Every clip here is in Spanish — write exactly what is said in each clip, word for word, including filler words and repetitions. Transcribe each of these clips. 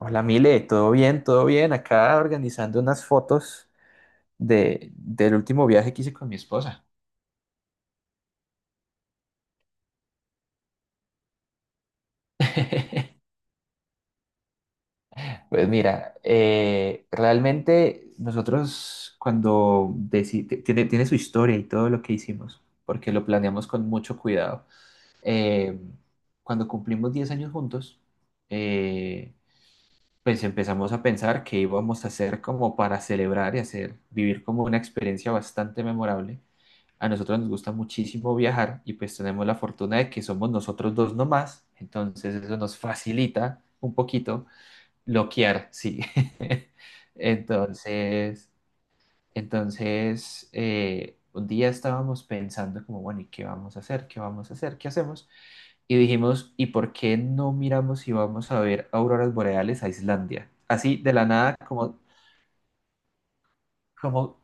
Hola Mile, todo bien, todo bien. Acá organizando unas fotos de, del último viaje que hice con mi esposa. Pues mira, eh, realmente nosotros cuando deci- t- tiene, tiene su historia y todo lo que hicimos, porque lo planeamos con mucho cuidado. Eh, Cuando cumplimos diez años juntos, eh, pues empezamos a pensar qué íbamos a hacer como para celebrar y hacer, vivir como una experiencia bastante memorable. A nosotros nos gusta muchísimo viajar y pues tenemos la fortuna de que somos nosotros dos nomás, entonces eso nos facilita un poquito bloquear, sí. Entonces, entonces eh, un día estábamos pensando como, bueno, ¿y qué vamos a hacer? ¿Qué vamos a hacer? ¿Qué hacemos? Y dijimos, ¿y por qué no miramos si vamos a ver auroras boreales a Islandia? Así de la nada, como, como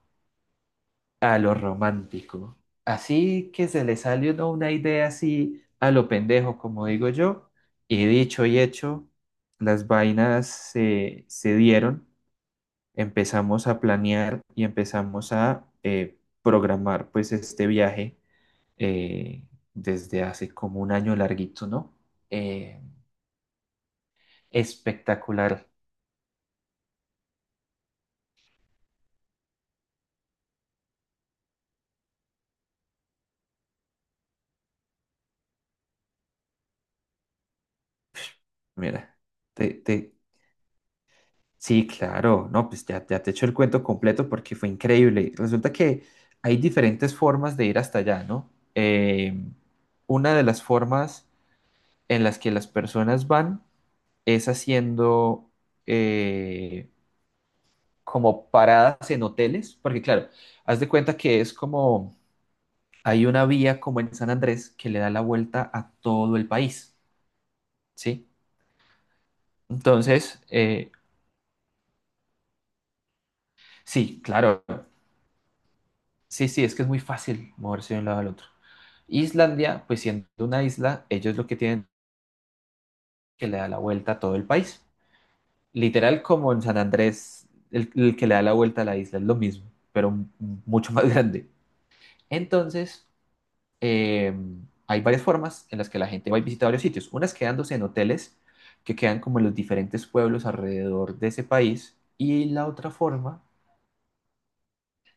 a lo romántico. Así que se le salió, ¿no?, una idea así a lo pendejo, como digo yo, y dicho y hecho, las vainas se, se dieron, empezamos a planear y empezamos a eh, programar pues este viaje eh, desde hace como un año larguito, ¿no? Eh, espectacular. Mira, te, te... sí, claro, no, pues ya, ya te echo el cuento completo porque fue increíble. Resulta que hay diferentes formas de ir hasta allá, ¿no? Eh, una de las formas en las que las personas van es haciendo eh, como paradas en hoteles, porque claro, haz de cuenta que es como, hay una vía como en San Andrés que le da la vuelta a todo el país, ¿sí? Entonces, eh, sí, claro. Sí, sí, es que es muy fácil moverse de un lado al otro. Islandia, pues siendo una isla, ellos lo que tienen que le da la vuelta a todo el país. Literal como en San Andrés, el, el que le da la vuelta a la isla es lo mismo, pero m- mucho más grande. Entonces, eh, hay varias formas en las que la gente va y visita varios sitios. Unas quedándose en hoteles que quedan como en los diferentes pueblos alrededor de ese país. Y la otra forma,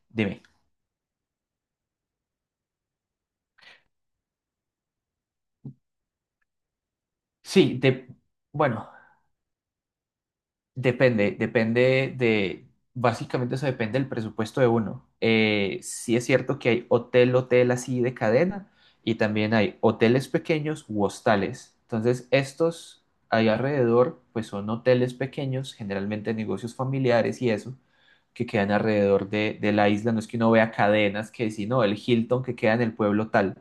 dime. Sí, de, bueno, depende, depende de, básicamente eso depende del presupuesto de uno. Eh, sí es cierto que hay hotel, hotel así de cadena y también hay hoteles pequeños u hostales. Entonces, estos ahí alrededor, pues son hoteles pequeños, generalmente negocios familiares y eso, que quedan alrededor de, de la isla. No es que uno vea cadenas que si no, el Hilton que queda en el pueblo tal.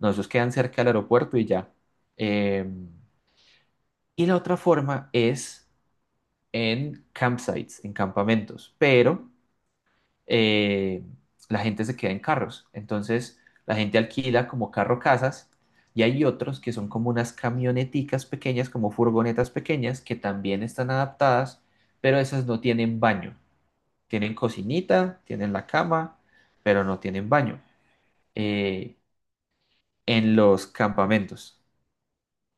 No, esos quedan cerca del aeropuerto y ya. Em, y la otra forma es en campsites, en campamentos, pero eh, la gente se queda en carros. Entonces la gente alquila como carro casas y hay otros que son como unas camioneticas pequeñas, como furgonetas pequeñas, que también están adaptadas, pero esas no tienen baño. Tienen cocinita, tienen la cama, pero no tienen baño. Eh, en los campamentos.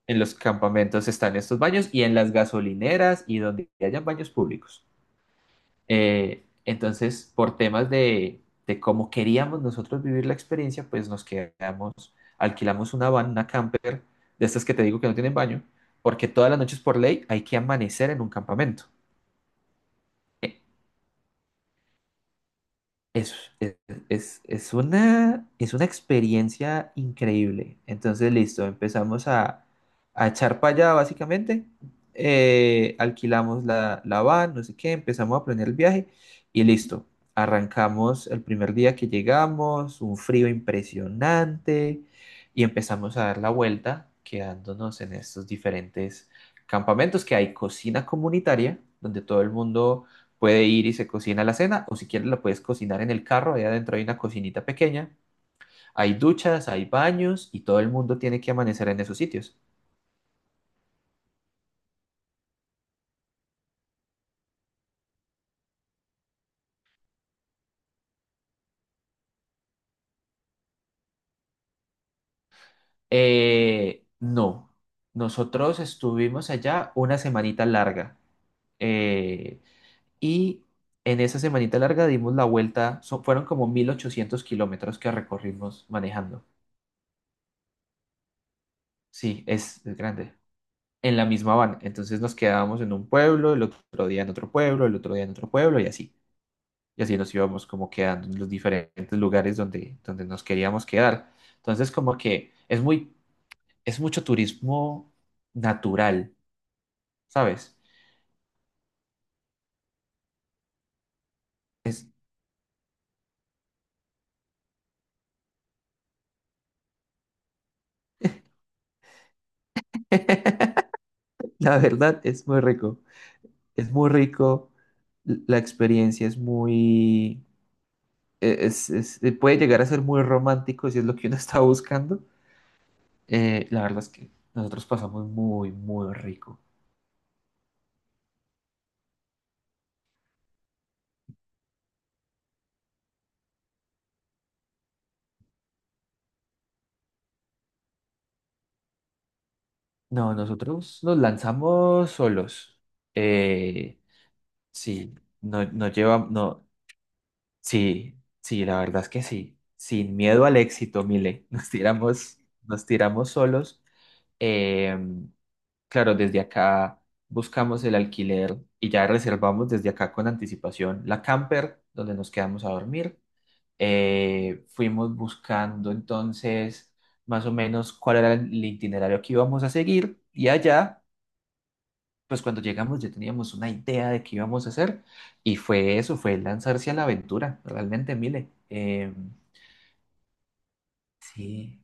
En los campamentos están estos baños y en las gasolineras y donde hayan baños públicos. Eh, entonces, por temas de, de cómo queríamos nosotros vivir la experiencia, pues nos quedamos, alquilamos una van, una camper, de estas que te digo que no tienen baño, porque todas las noches por ley hay que amanecer en un campamento. Es, es, es- es una, es una experiencia increíble. Entonces, listo, empezamos a, a echar para allá, básicamente. Eh, alquilamos la, la van, no sé qué, empezamos a planear el viaje y listo. Arrancamos el primer día que llegamos, un frío impresionante y empezamos a dar la vuelta, quedándonos en estos diferentes campamentos que hay cocina comunitaria, donde todo el mundo puede ir y se cocina la cena, o si quieres la puedes cocinar en el carro, allá adentro hay una cocinita pequeña, hay duchas, hay baños y todo el mundo tiene que amanecer en esos sitios. Eh, no, nosotros estuvimos allá una semanita larga eh, y en esa semanita larga dimos la vuelta, so- fueron como mil ochocientos kilómetros que recorrimos manejando. Sí, es, es grande. En la misma van. Entonces nos quedábamos en un pueblo, el otro día en otro pueblo, el otro día en otro pueblo y así. Y así nos íbamos como quedando en los diferentes lugares donde, donde nos queríamos quedar. Entonces, como que es muy, es mucho turismo natural, ¿sabes? Es, la verdad es muy rico, es muy rico, l- la experiencia es muy, e- es, es- eh, puede llegar a ser muy romántico si es lo que uno está buscando. Eh, la verdad es que nosotros pasamos muy, muy rico. No, nosotros nos lanzamos solos. Eh, Sí, no, no lleva, no, sí, sí, la verdad es que sí. Sin miedo al éxito, Mile. Nos tiramos, nos tiramos solos. Eh, claro, desde acá buscamos el alquiler y ya reservamos desde acá con anticipación la camper donde nos quedamos a dormir. Eh, fuimos buscando entonces más o menos cuál era el itinerario que íbamos a seguir y allá pues cuando llegamos ya teníamos una idea de qué íbamos a hacer y fue eso, fue lanzarse a la aventura, realmente, mire. Eh, sí,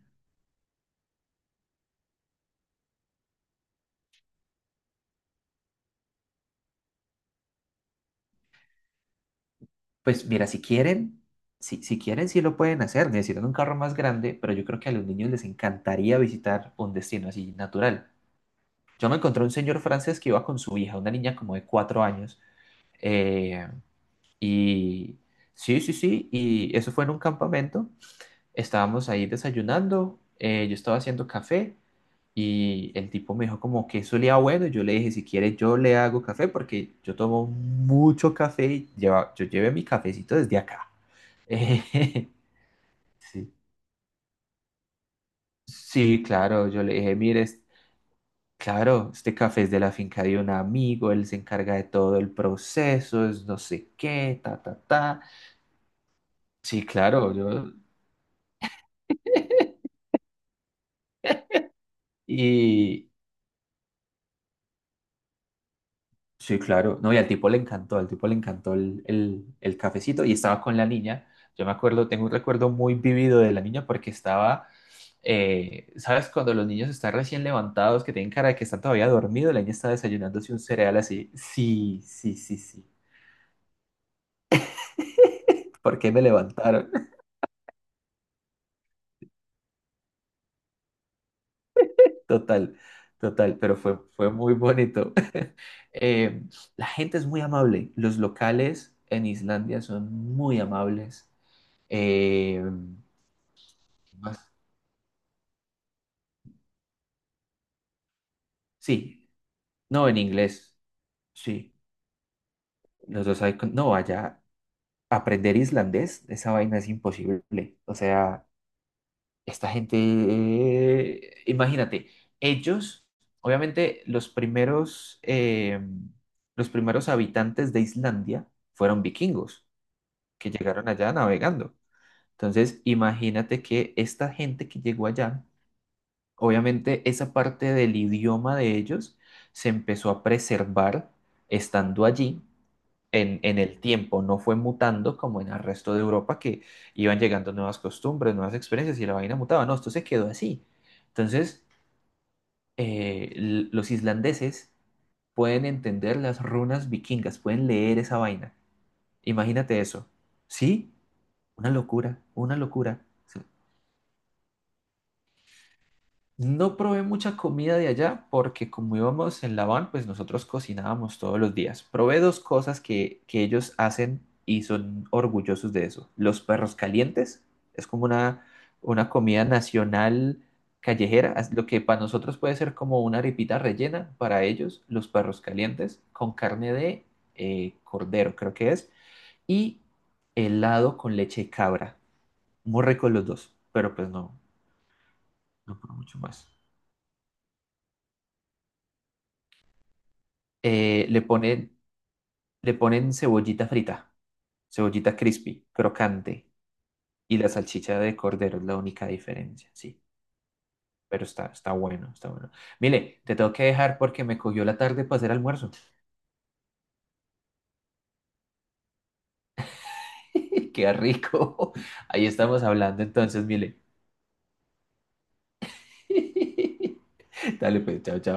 pues mira, si quieren, si, si quieren, sí lo pueden hacer, necesitan un carro más grande, pero yo creo que a los niños les encantaría visitar un destino así natural. Yo me encontré un señor francés que iba con su hija, una niña como de cuatro años, eh, y sí, sí, sí, y eso fue en un campamento. Estábamos ahí desayunando, eh, yo estaba haciendo café y el tipo me dijo como que eso le da bueno. Y yo le dije, si quieres yo le hago café porque yo tomo mucho café y lleva- yo llevé mi cafecito desde acá. Eh, sí. Sí, claro, yo le dije, mire, es- claro, este café es de la finca de un amigo, él se encarga de todo el proceso, es no sé qué, ta, ta, ta. Sí, claro, yo... Y, sí, claro. No, y al tipo le encantó, al tipo le encantó el, el- el cafecito y estaba con la niña. Yo me acuerdo, tengo un recuerdo muy vivido de la niña porque estaba, eh, ¿sabes? Cuando los niños están recién levantados, que tienen cara de que están todavía dormidos, la niña está desayunándose un cereal así. Sí, sí, sí, sí. ¿Por qué me levantaron? Total, total, pero fue, fue muy bonito. Eh, la gente es muy amable. Los locales en Islandia son muy amables. Eh, ¿más? Sí, no, en inglés. Sí. Los dos hay... No, allá aprender islandés, esa vaina es imposible. O sea, esta gente, eh, imagínate, ellos, obviamente, los primeros, eh, los primeros habitantes de Islandia fueron vikingos que llegaron allá navegando. Entonces, imagínate que esta gente que llegó allá, obviamente, esa parte del idioma de ellos se empezó a preservar estando allí en, en el tiempo, no fue mutando como en el resto de Europa que iban llegando nuevas costumbres, nuevas experiencias y la vaina mutaba, no, esto se quedó así. Entonces, eh, l- los islandeses pueden entender las runas vikingas, pueden leer esa vaina. Imagínate eso. Sí, una locura, una locura. Sí. No probé mucha comida de allá porque como íbamos en la van, pues nosotros cocinábamos todos los días. Probé dos cosas que, que ellos hacen y son orgullosos de eso. Los perros calientes es como una, una comida nacional callejera, as- lo que para nosotros puede ser como una arepita rellena, para ellos los perros calientes con carne de eh, cordero, creo que es, y helado con leche de cabra. Muy ricos los dos, pero pues no, no por mucho más eh, le ponen, le ponen cebollita frita, cebollita crispy, crocante. Y la salchicha de cordero es la única diferencia, sí. Pero está, está bueno, está bueno. Mire, te tengo que dejar porque me cogió la tarde para hacer almuerzo. Qué rico. Ahí estamos hablando entonces, mire. Dale pues, chao, chao.